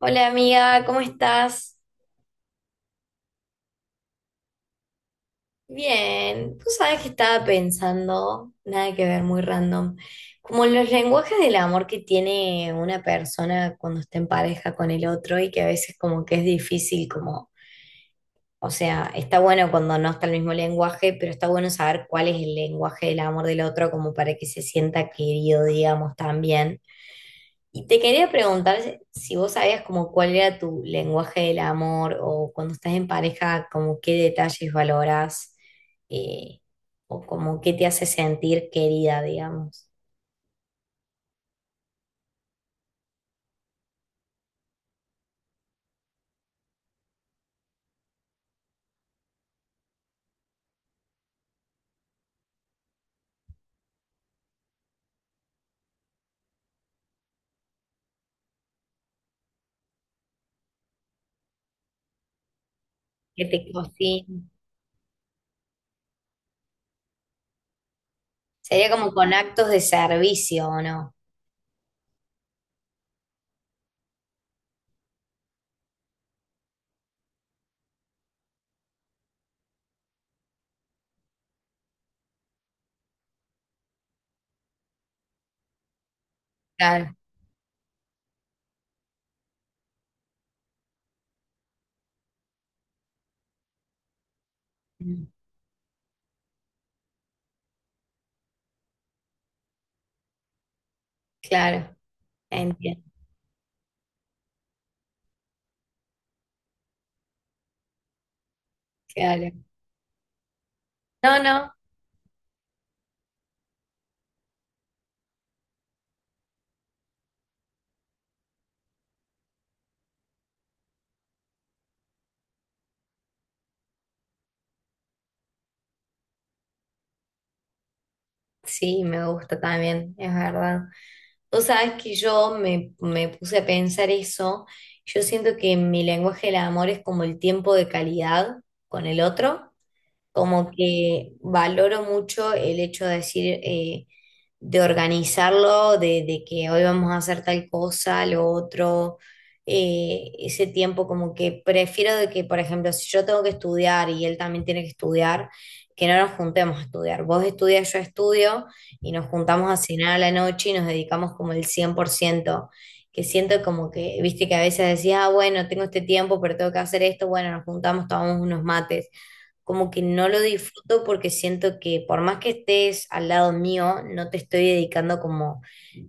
Hola amiga, ¿cómo estás? Bien, tú sabes que estaba pensando, nada que ver, muy random, como los lenguajes del amor que tiene una persona cuando está en pareja con el otro y que a veces como que es difícil como, o sea, está bueno cuando no está el mismo lenguaje, pero está bueno saber cuál es el lenguaje del amor del otro como para que se sienta querido, digamos, también. Y te quería preguntar si vos sabías como cuál era tu lenguaje del amor o cuando estás en pareja, como qué detalles valorás eh, o como qué te hace sentir querida, digamos. ¿Qué te cocina? Sería como con actos de servicio, ¿o no? Claro, mm, claro, entiendo, claro. No, no. Sí, me gusta también, es verdad. Vos sabés que me puse a pensar eso. Yo siento que mi lenguaje del amor es como el tiempo de calidad con el otro. Como que valoro mucho el hecho de decir, de organizarlo, de que hoy vamos a hacer tal cosa, lo otro, ese tiempo como que prefiero de que, por ejemplo, si yo tengo que estudiar y él también tiene que estudiar, que no nos juntemos a estudiar. Vos estudias, yo estudio y nos juntamos a cenar a la noche y nos dedicamos como el cien por ciento, que siento como que, viste que a veces decías, ah, bueno, tengo este tiempo, pero tengo que hacer esto, bueno, nos juntamos, tomamos unos mates, como que no lo disfruto porque siento que por más que estés al lado mío, no te estoy dedicando como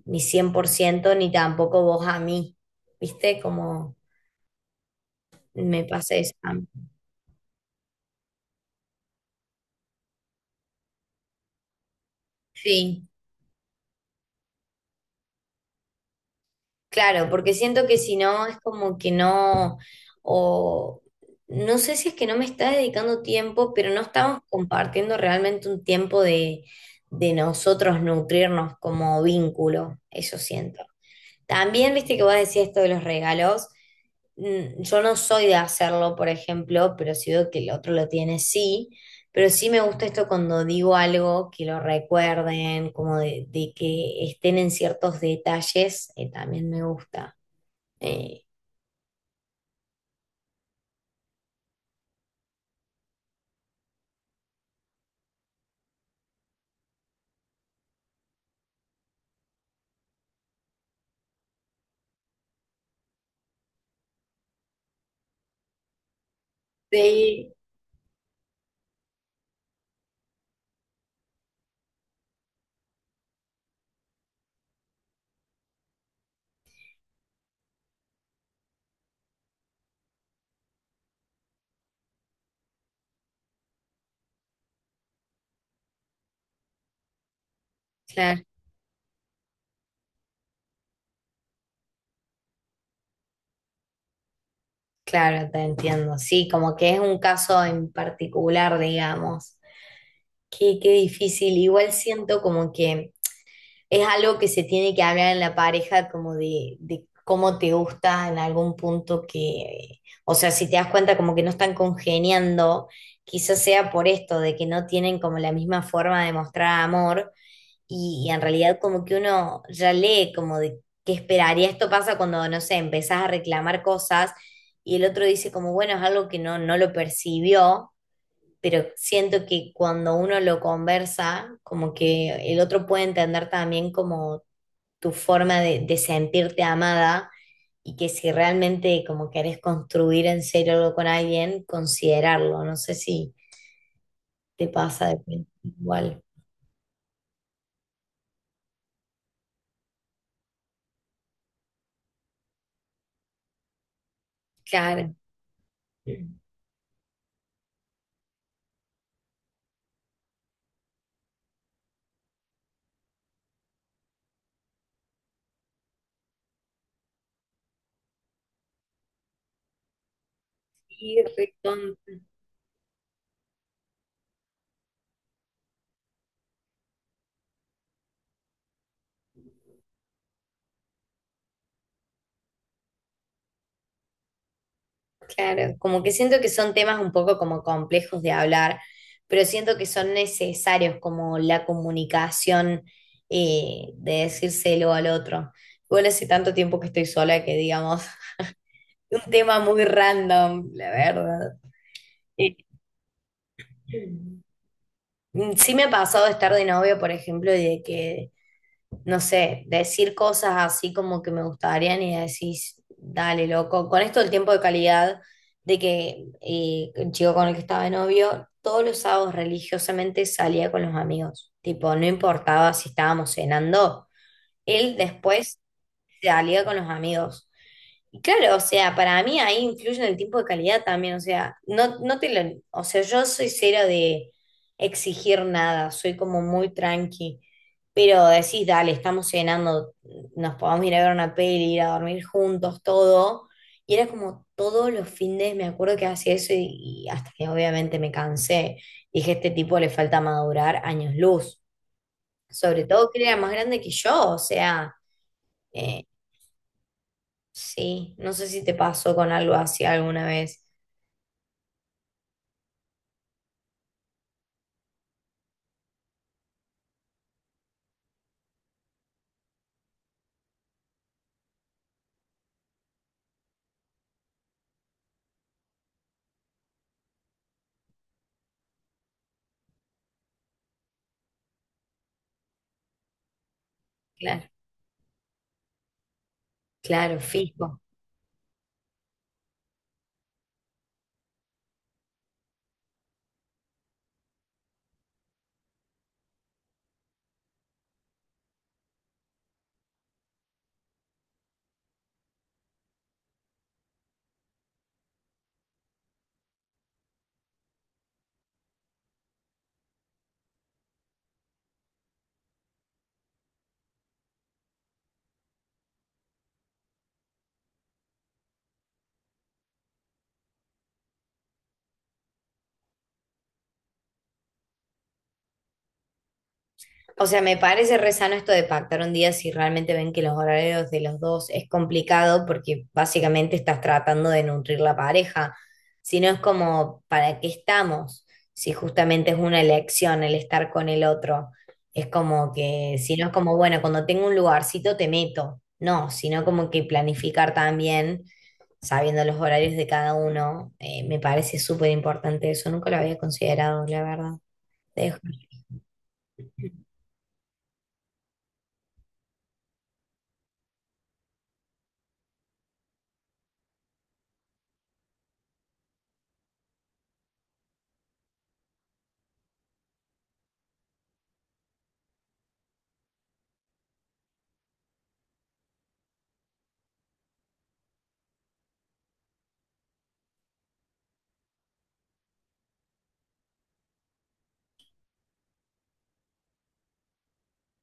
ni 100% ni tampoco vos a mí, ¿viste? Como me pasa eso. Sí, claro, porque siento que si no es como que no, o no sé si es que no me está dedicando tiempo, pero no estamos compartiendo realmente un tiempo de nosotros nutrirnos como vínculo, eso siento. También viste que vos decías esto de los regalos. Mm, yo no soy de hacerlo, por ejemplo, pero si veo que el otro lo tiene, sí. Pero sí me gusta esto cuando digo algo, que lo recuerden, como de que estén en ciertos detalles, también me gusta. Eh, sí, claro, claro, te entiendo. Sí, como que es un caso en particular, digamos. Qué, qué difícil. Igual siento como que es algo que se tiene que hablar en la pareja como de cómo te gusta en algún punto que, o sea, si te das cuenta como que no están congeniando, quizás sea por esto, de que no tienen como la misma forma de mostrar amor y en realidad como que uno ya lee como de qué esperaría. Esto pasa cuando, no sé, empezás a reclamar cosas y el otro dice como, bueno, es algo que no, no lo percibió, pero siento que cuando uno lo conversa, como que el otro puede entender también como tu forma de sentirte amada y que si realmente como querés construir en serio algo con alguien, considerarlo. No sé si te pasa de repente igual. Claro. Sí, recontra. Claro, como que siento que son temas un poco como complejos de hablar, pero siento que son necesarios como la comunicación, de decírselo al otro. Igual hace tanto tiempo que estoy sola que digamos, un tema muy random, la verdad. Eh, Sí me ha pasado de estar de novio, por ejemplo, y de que no sé, decir cosas así como que me gustarían y decís, dale, loco, con esto el tiempo de calidad de que el chico con el que estaba de novio, todos los sábados religiosamente salía con los amigos, tipo, no importaba si estábamos cenando, él después salía con los amigos. Claro, o sea, para mí ahí influye en el tiempo de calidad también, o sea, no, no te lo, o sea, yo soy cero de exigir nada, soy como muy tranqui, pero decís, dale, estamos cenando, nos podemos ir a ver una peli, ir a dormir juntos, todo, y era como todos los fines, me acuerdo que hacía eso y hasta que obviamente me cansé, dije, este tipo le falta madurar años luz, sobre todo que él era más grande que yo, o sea... eh, sí, no sé si te pasó con algo así alguna vez. Claro, claro, fijo. O sea, me parece re sano esto de pactar un día si realmente ven que los horarios de los dos es complicado porque básicamente estás tratando de nutrir la pareja. Si no es como, ¿para qué estamos? Si justamente es una elección el estar con el otro. Es como que, si no es como, bueno, cuando tengo un lugarcito te meto. No, sino como que planificar también, sabiendo los horarios de cada uno, me parece súper importante eso. Nunca lo había considerado, la verdad. Dejo.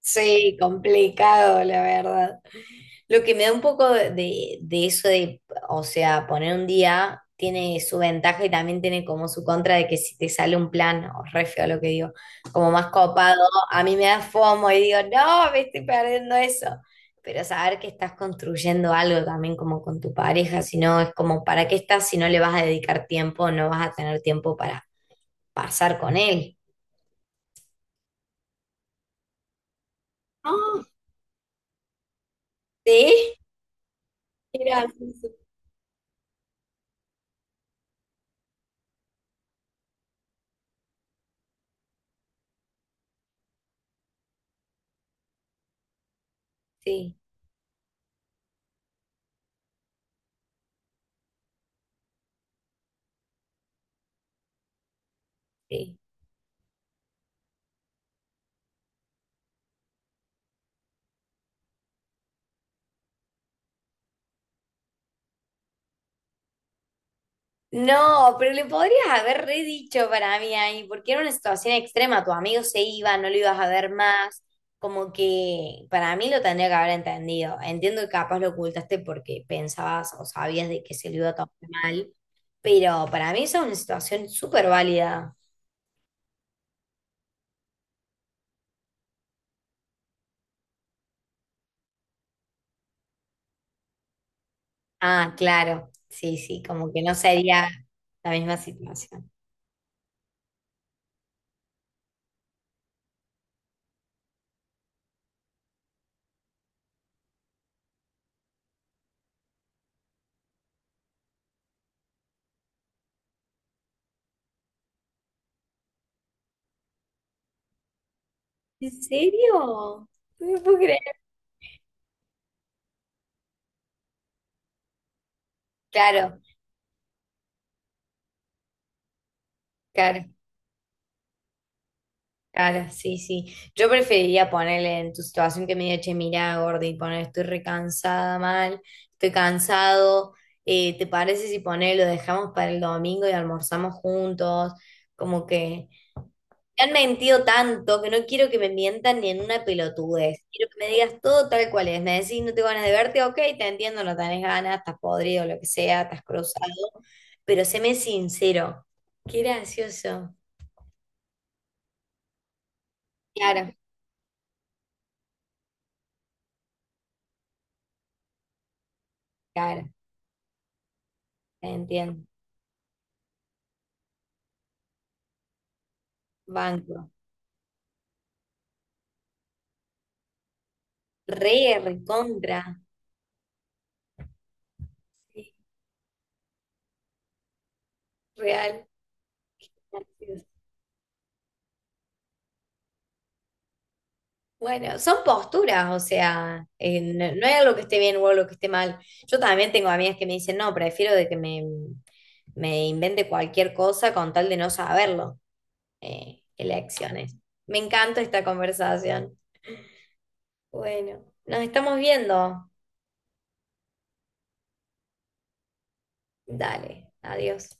Sí, complicado, la verdad. Lo que me da un poco de eso de, o sea, poner un día tiene su ventaja y también tiene como su contra de que si te sale un plan, o re feo lo que digo, como más copado, a mí me da FOMO y digo, no, me estoy perdiendo eso. Pero saber que estás construyendo algo también como con tu pareja, si no, es como, ¿para qué estás si no le vas a dedicar tiempo, no vas a tener tiempo para pasar con él? No. Sí, mira, sí, sí, sí. Sí. No, pero le podrías haber redicho para mí ahí, porque era una situación extrema. Tu amigo se iba, no lo ibas a ver más. Como que para mí lo tendría que haber entendido. Entiendo que capaz lo ocultaste porque pensabas o sabías de que se lo iba a tomar mal, pero para mí esa es una situación súper válida. Ah, claro, sí, sí, como que no sería la misma situación. ¿En serio? No me puedo creer. Claro, claro. Claro, sí, sí. Yo preferiría ponerle en tu situación que me diga, che, mirá, Gordi, poner, estoy recansada mal, estoy cansado. Eh, ¿te parece si poner, lo dejamos para el domingo y almorzamos juntos? Como que me han mentido tanto que no quiero que me mientan ni en una pelotudez. Quiero que me digas todo tal cual es. Me decís, no tengo ganas de verte, ok, te entiendo, no tenés ganas, estás podrido, lo que sea, estás cruzado. Pero séme sincero. Qué gracioso. Claro, claro, te entiendo. Banco. Re, recontra. Sí, real. Bueno, son posturas, o sea, no, no hay algo que esté bien o algo que esté mal. Yo también tengo amigas que me dicen, no, prefiero de que me invente cualquier cosa con tal de no saberlo. Elecciones. Me encanta esta conversación. Bueno, nos estamos viendo. Dale, adiós.